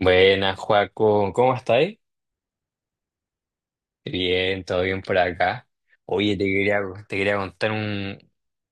Buenas, Joaco, ¿cómo estáis? Bien, todo bien por acá. Oye, te quería contar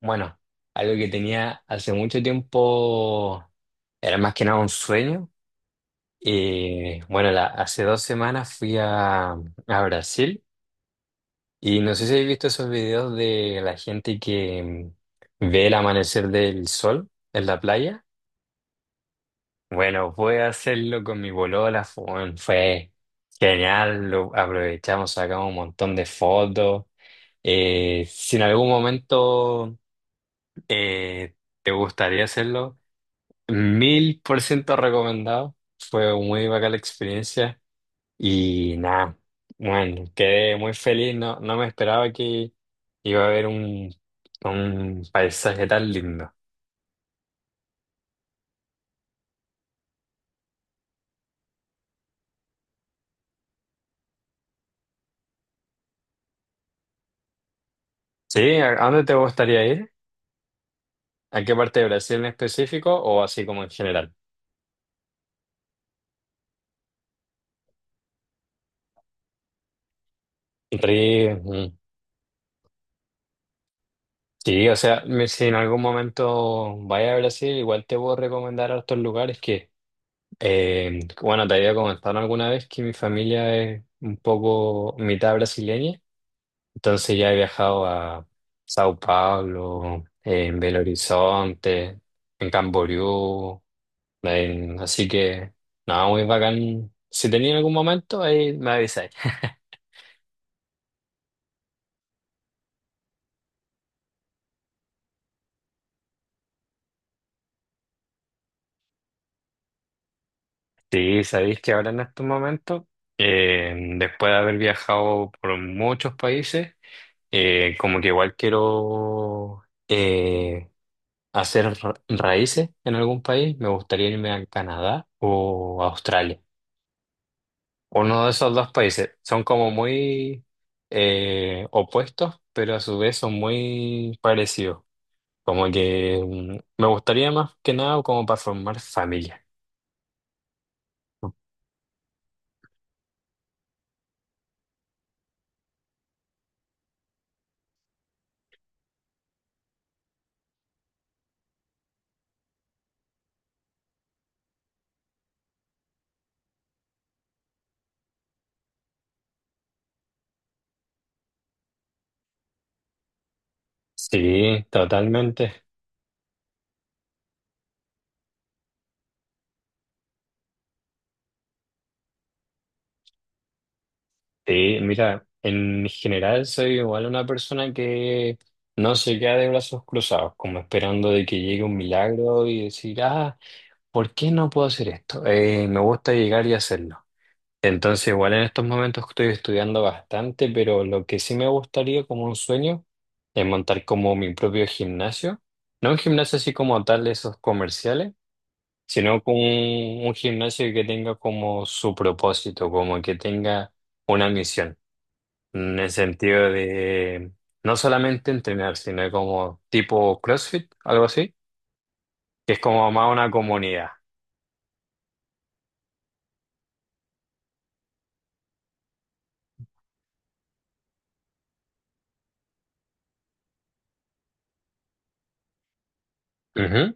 bueno, algo que tenía hace mucho tiempo, era más que nada un sueño. Hace 2 semanas fui a Brasil y no sé si habéis visto esos videos de la gente que ve el amanecer del sol en la playa. Bueno, pude hacerlo con mi bolola, fue genial, lo aprovechamos, sacamos un montón de fotos. Si en algún momento eh, te gustaría hacerlo, 1000% recomendado, fue muy bacán la experiencia y nada, bueno, quedé muy feliz, no me esperaba que iba a haber un paisaje tan lindo. ¿Sí? ¿A dónde te gustaría ir? ¿A qué parte de Brasil en específico o así como en general? Re, mm, sí, o sea, si en algún momento vaya a Brasil, igual te puedo recomendar a otros lugares que, bueno, te había comentado alguna vez que mi familia es un poco mitad brasileña, entonces ya he viajado a Sao Paulo, en Belo Horizonte, en Camboriú, así que, nada, muy bacán. Si tenía algún momento, ahí me avisáis. Sí, sabéis que ahora en estos momentos, después de haber viajado por muchos países, como que igual quiero hacer raíces en algún país, me gustaría irme a Canadá o a Australia. Uno de esos dos países son como muy opuestos, pero a su vez son muy parecidos. Como que me gustaría más que nada como para formar familia. Sí, totalmente. Sí, mira, en general soy igual una persona que no se queda de brazos cruzados, como esperando de que llegue un milagro y decir, ah, ¿por qué no puedo hacer esto? Me gusta llegar y hacerlo. Entonces, igual en estos momentos estoy estudiando bastante, pero lo que sí me gustaría como un sueño es montar como mi propio gimnasio. No un gimnasio así como tal de esos comerciales, sino como un gimnasio que tenga como su propósito, como que tenga una misión. En el sentido de no solamente entrenar, sino como tipo CrossFit, algo así, que es como más una comunidad. Ujú,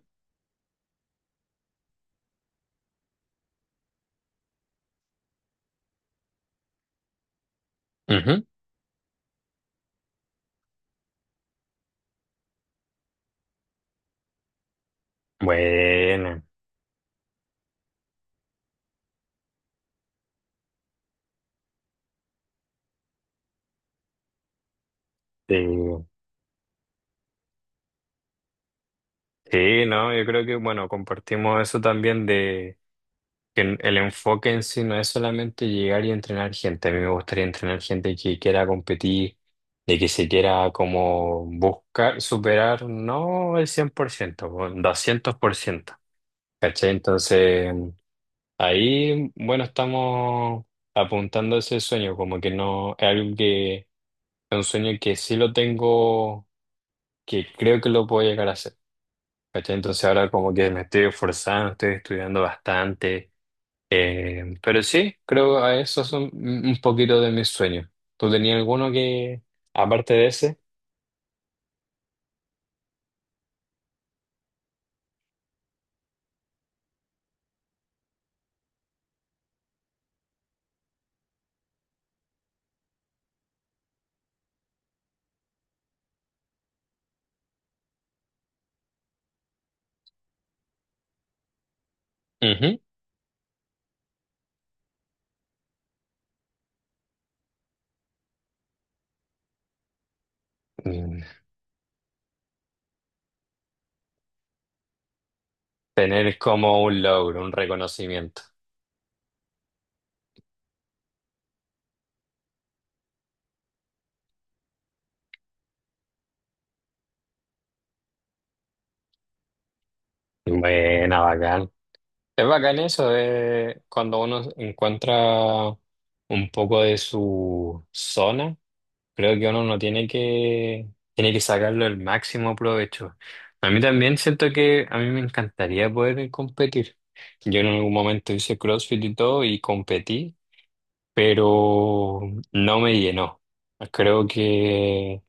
ujú. Bueno, sí, sí, ¿no? Yo creo que, bueno, compartimos eso también de que el enfoque en sí no es solamente llegar y entrenar gente. A mí me gustaría entrenar gente que quiera competir, de que se quiera como buscar superar, no el 100% un 200%. ¿Cachai? Entonces. Ahí, bueno, estamos apuntando a ese sueño, como que no es algo que es un sueño que sí lo tengo, que creo que lo puedo llegar a hacer. ¿Cachai? Entonces ahora como que me estoy esforzando, estoy estudiando bastante, pero sí, creo a eso son un poquito de mis sueños. ¿Tú tenías alguno que, aparte de ese? Ujú. Mm. Tener como un logro, un reconocimiento. Buena, bacán. Es bacán eso de cuando uno encuentra un poco de su zona, creo que uno no tiene que, tiene que sacarlo el máximo provecho. A mí también siento que a mí me encantaría poder competir. Yo en algún momento hice CrossFit y todo y competí, pero no me llenó. Creo que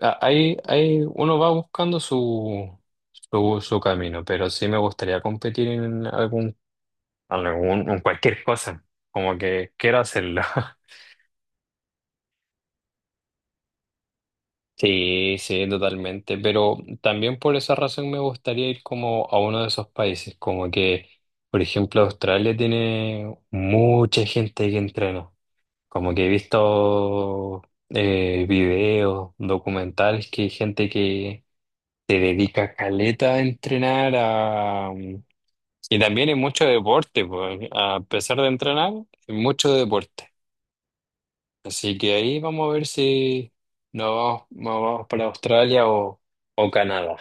hay, uno va buscando su camino, pero sí me gustaría competir en algún algún, un cualquier cosa, como que quiero hacerlo. Sí, sí, totalmente, pero también por esa razón me gustaría ir como a uno de esos países, como que, por ejemplo, Australia tiene mucha gente que entrena, como que he visto videos, documentales que hay gente que se dedica caleta a entrenar, a... y también hay mucho deporte, pues, a pesar de entrenar, hay mucho deporte. Así que ahí vamos a ver si nos vamos para Australia o Canadá.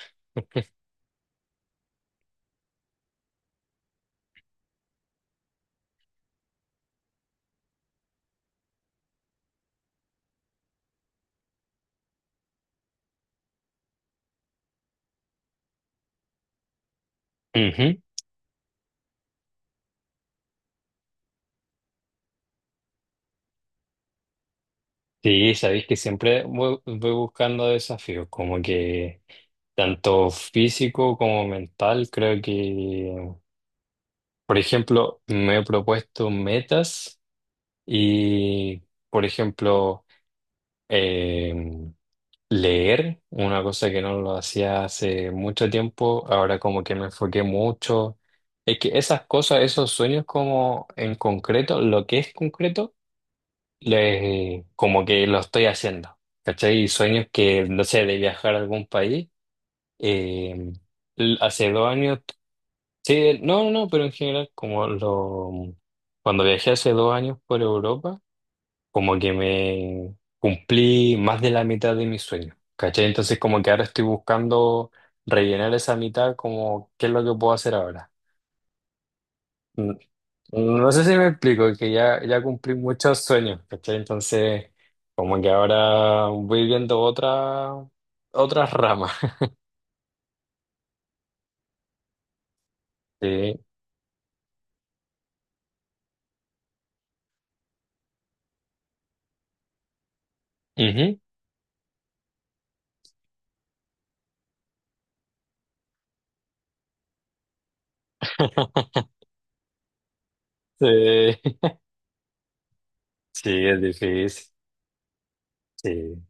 Ujú. Sí, sabéis que siempre voy buscando desafíos, como que tanto físico como mental. Creo que, por ejemplo, me he propuesto metas y, por ejemplo, em, Leer, una cosa que no lo hacía hace mucho tiempo, ahora como que me enfoqué mucho. Es que esas cosas, esos sueños como en concreto, lo que es concreto, como que lo estoy haciendo. ¿Cachai? Y sueños que, no sé, de viajar a algún país. eh, Hace 2 años, sí, no, no, no, pero en general, cuando viajé hace 2 años por Europa como que me cumplí más de la mitad de mis sueños, ¿cachai? Entonces como que ahora estoy buscando rellenar esa mitad, como qué es lo que puedo hacer ahora. Mm. No sé si me explico, que ya, ya cumplí muchos sueños, ¿cachai? Entonces como que ahora voy viendo otras ramas. Sí. Ujú. Sí, sí, es difícil. Sí.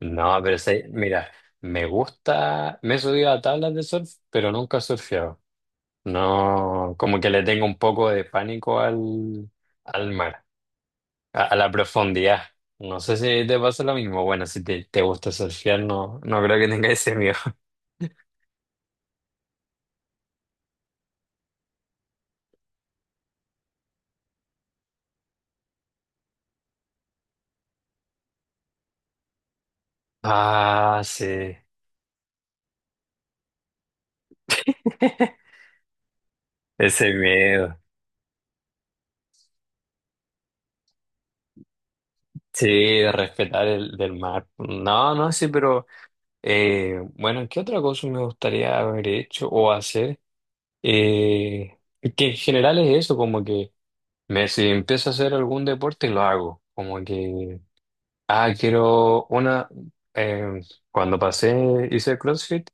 No, pero sí, mira, me gusta, me he subido a tablas de surf, pero nunca he surfeado. No, como que le tengo un poco de pánico al mar, a la profundidad. No sé si te pasa lo mismo. Bueno, si te gusta surfear, no creo que tengas ese miedo. Ah, sí, ese miedo. Sí, de respetar el del mar. No, no, sí, pero bueno, ¿qué otra cosa me gustaría haber hecho o hacer? Eh, que en general es eso, como que si empiezo a hacer algún deporte, lo hago. Como que ah, quiero una. em, Cuando pasé, hice CrossFit,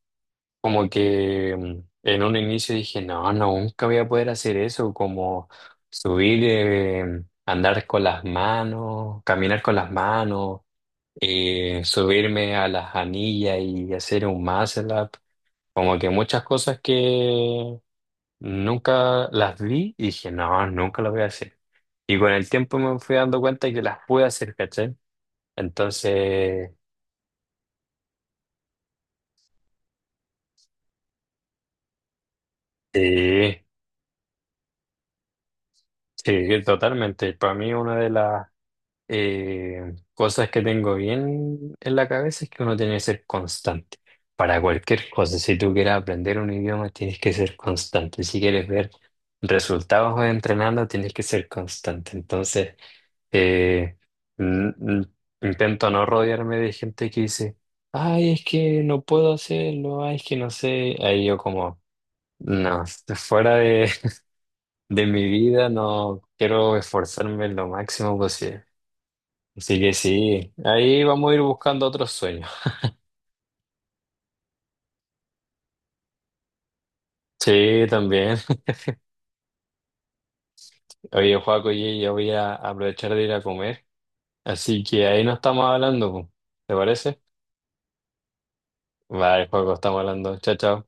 como que en un inicio dije, no, no, nunca voy a poder hacer eso, como subir, andar con las manos, caminar con las manos, subirme a las anillas y hacer un muscle up. Como que muchas cosas que nunca las vi y dije, no, nunca las voy a hacer. Y con el tiempo me fui dando cuenta que las pude hacer, ¿cachai? Entonces. Sí, sí, totalmente. Para mí una de las cosas que tengo bien en la cabeza es que uno tiene que ser constante para cualquier cosa. Si tú quieres aprender un idioma, tienes que ser constante. Si quieres ver resultados entrenando, tienes que ser constante. Entonces, eh, n- n- intento no rodearme de gente que dice, ay, es que no puedo hacerlo, ay, es que no sé. Ahí yo como, no, fuera de mi vida, no quiero esforzarme lo máximo posible. Así que sí, ahí vamos a ir buscando otros sueños. Sí, también. Oye, Joaco, oye, yo voy a aprovechar de ir a comer. Así que ahí nos estamos hablando, po. ¿Te parece? Vale, Joaco, estamos hablando. Chao, chao.